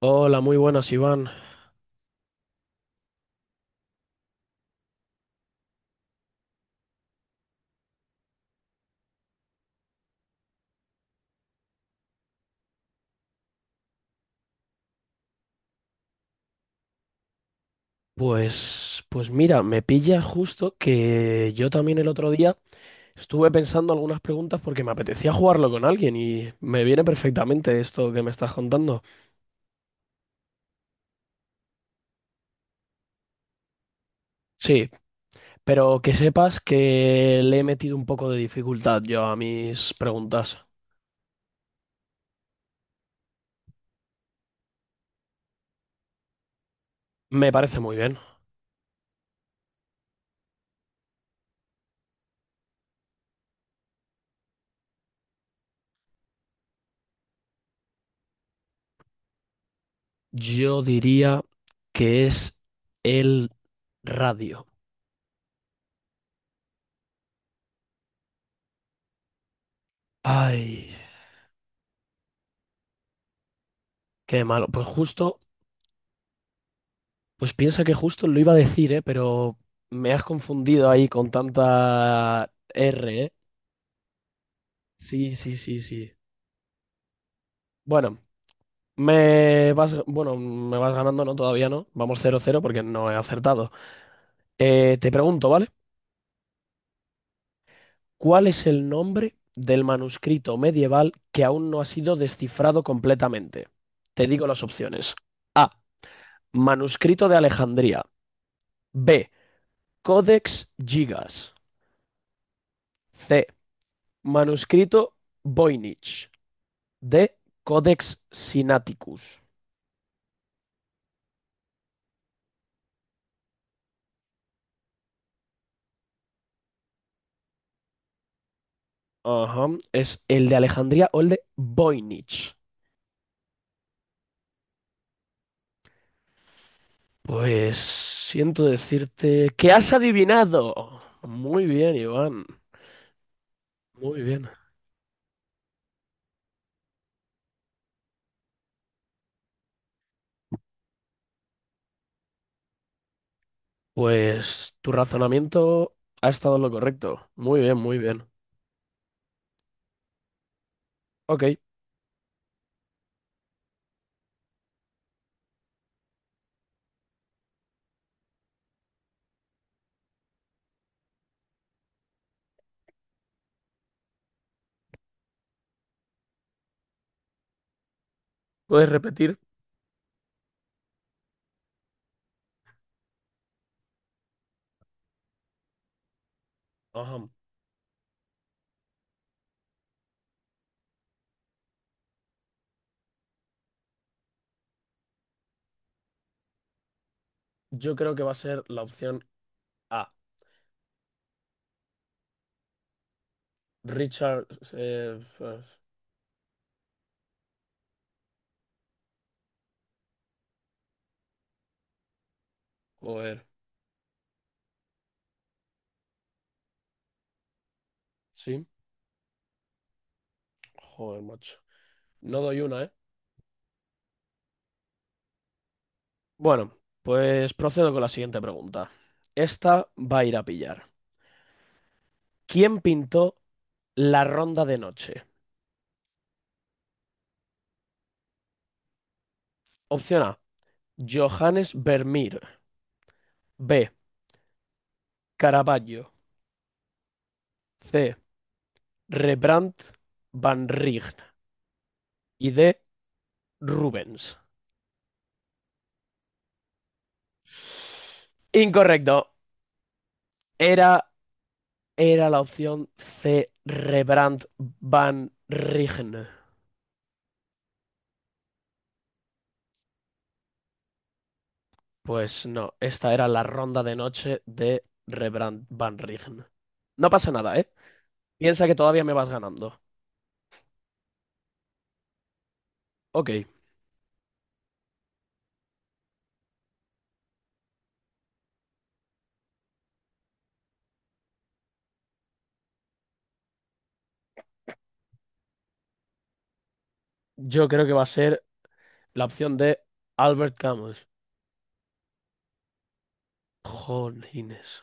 Hola, muy buenas, Iván. Pues mira, me pilla justo que yo también el otro día estuve pensando algunas preguntas porque me apetecía jugarlo con alguien y me viene perfectamente esto que me estás contando. Sí, pero que sepas que le he metido un poco de dificultad yo a mis preguntas. Me parece muy bien. Yo diría que es el radio. Ay, qué malo. Pues justo. Pues piensa que justo lo iba a decir, ¿eh? Pero me has confundido ahí con tanta R, ¿eh? Sí, sí, sí, sí. Bueno, me vas ganando, ¿no? Todavía no. Vamos 0-0 porque no he acertado. Te pregunto, ¿vale? ¿Cuál es el nombre del manuscrito medieval que aún no ha sido descifrado completamente? Te digo las opciones. A. Manuscrito de Alejandría. B. Codex Gigas. C. Manuscrito Voynich. De Codex Sinaiticus. Ajá, es el de Alejandría o el de Voynich. Pues siento decirte que has adivinado. Muy bien, Iván. Muy bien. Pues tu razonamiento ha estado en lo correcto. Muy bien, muy bien. Ok, ¿puedes repetir? Ajá. Yo creo que va a ser la opción A. Richard... eh, eh, joder. Sí. Joder, macho. No doy una, ¿eh? Bueno, pues procedo con la siguiente pregunta. Esta va a ir a pillar. ¿Quién pintó la Ronda de Noche? Opción A, Johannes Vermeer. B, Caravaggio. C, Rembrandt Van Rijn. Y D, Rubens. Incorrecto. Era, era la opción C, Rembrandt Van Rijn. Pues no, esta era la Ronda de Noche de Rembrandt Van Rijn. No pasa nada, ¿eh? Piensa que todavía me vas ganando. Ok, yo creo que va a ser la opción de Albert Camus. Jolines.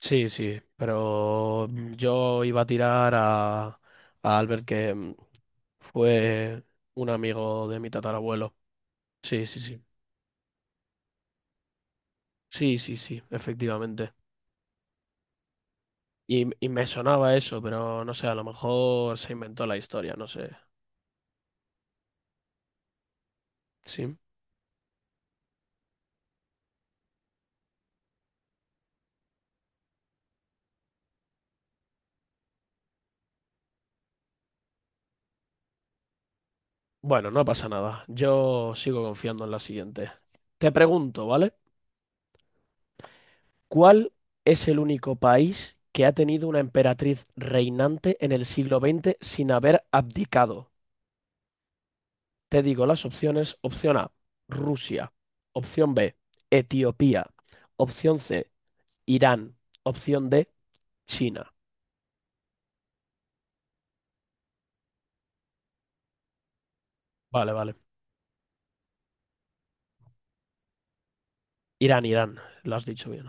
Sí, sí, pero yo iba a tirar a Albert, que fue un amigo de mi tatarabuelo. Sí, sí, sí. Sí, sí, sí, efectivamente. Y me sonaba eso, pero no sé, a lo mejor se inventó la historia, no sé. Sí. Bueno, no pasa nada. Yo sigo confiando en la siguiente. Te pregunto, ¿vale? ¿Cuál es el único país que ha tenido una emperatriz reinante en el siglo XX sin haber abdicado? Te digo las opciones. Opción A, Rusia. Opción B, Etiopía. Opción C, Irán. Opción D, China. Vale, vale. Irán, Irán. Lo has dicho bien.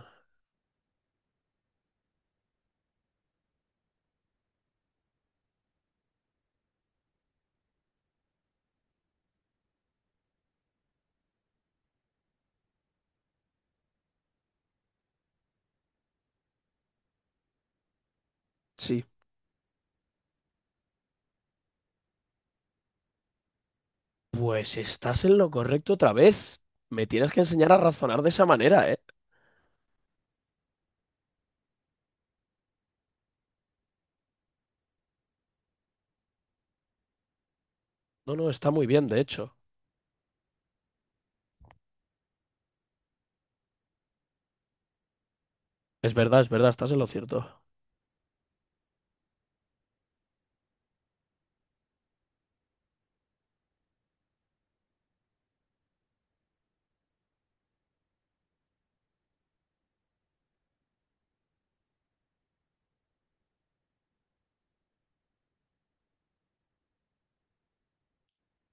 Sí. Pues estás en lo correcto otra vez. Me tienes que enseñar a razonar de esa manera, ¿eh? No, no, está muy bien, de hecho. Es verdad, estás en lo cierto.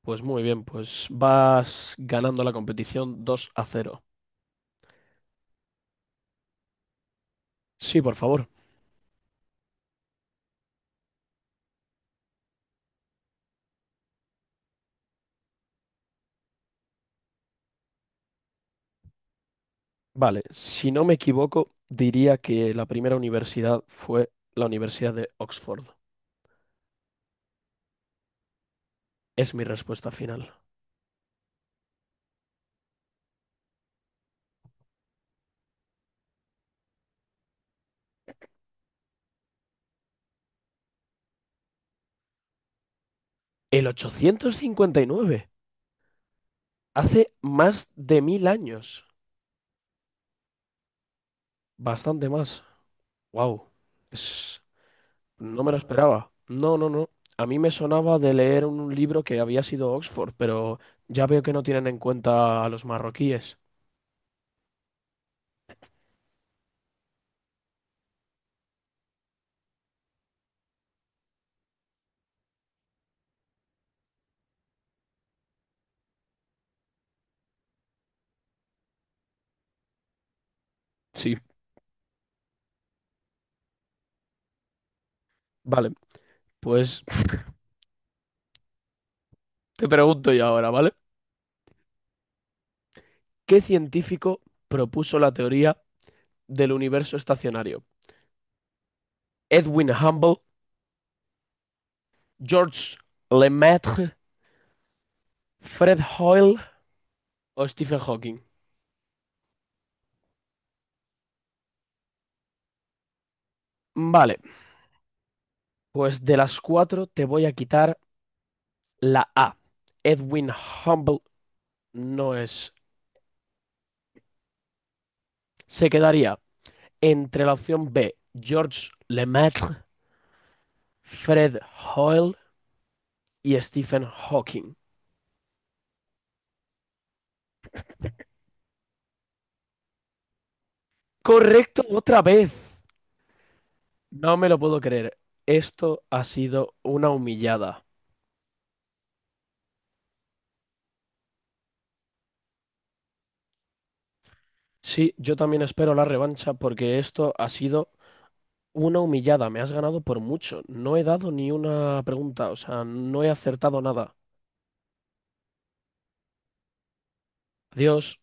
Pues muy bien, pues vas ganando la competición 2-0. Sí, por favor. Vale, si no me equivoco, diría que la primera universidad fue la Universidad de Oxford. Es mi respuesta final. El 859, hace más de mil años. Bastante más. Wow, es... no me lo esperaba. No, no, no. A mí me sonaba de leer un libro que había sido Oxford, pero ya veo que no tienen en cuenta a los marroquíes. Sí, vale, pues Te pregunto yo ahora, ¿vale? ¿Qué científico propuso la teoría del universo estacionario? ¿Edwin Hubble, Georges Lemaitre, Fred Hoyle o Stephen Hawking? Vale, pues de las cuatro te voy a quitar la A. Edwin Hubble no es. Se quedaría entre la opción B, Georges Lemaitre, Fred Hoyle y Stephen Hawking. Correcto, otra vez. No me lo puedo creer. Esto ha sido una humillada. Sí, yo también espero la revancha porque esto ha sido una humillada. Me has ganado por mucho. No he dado ni una pregunta, o sea, no he acertado nada. Adiós.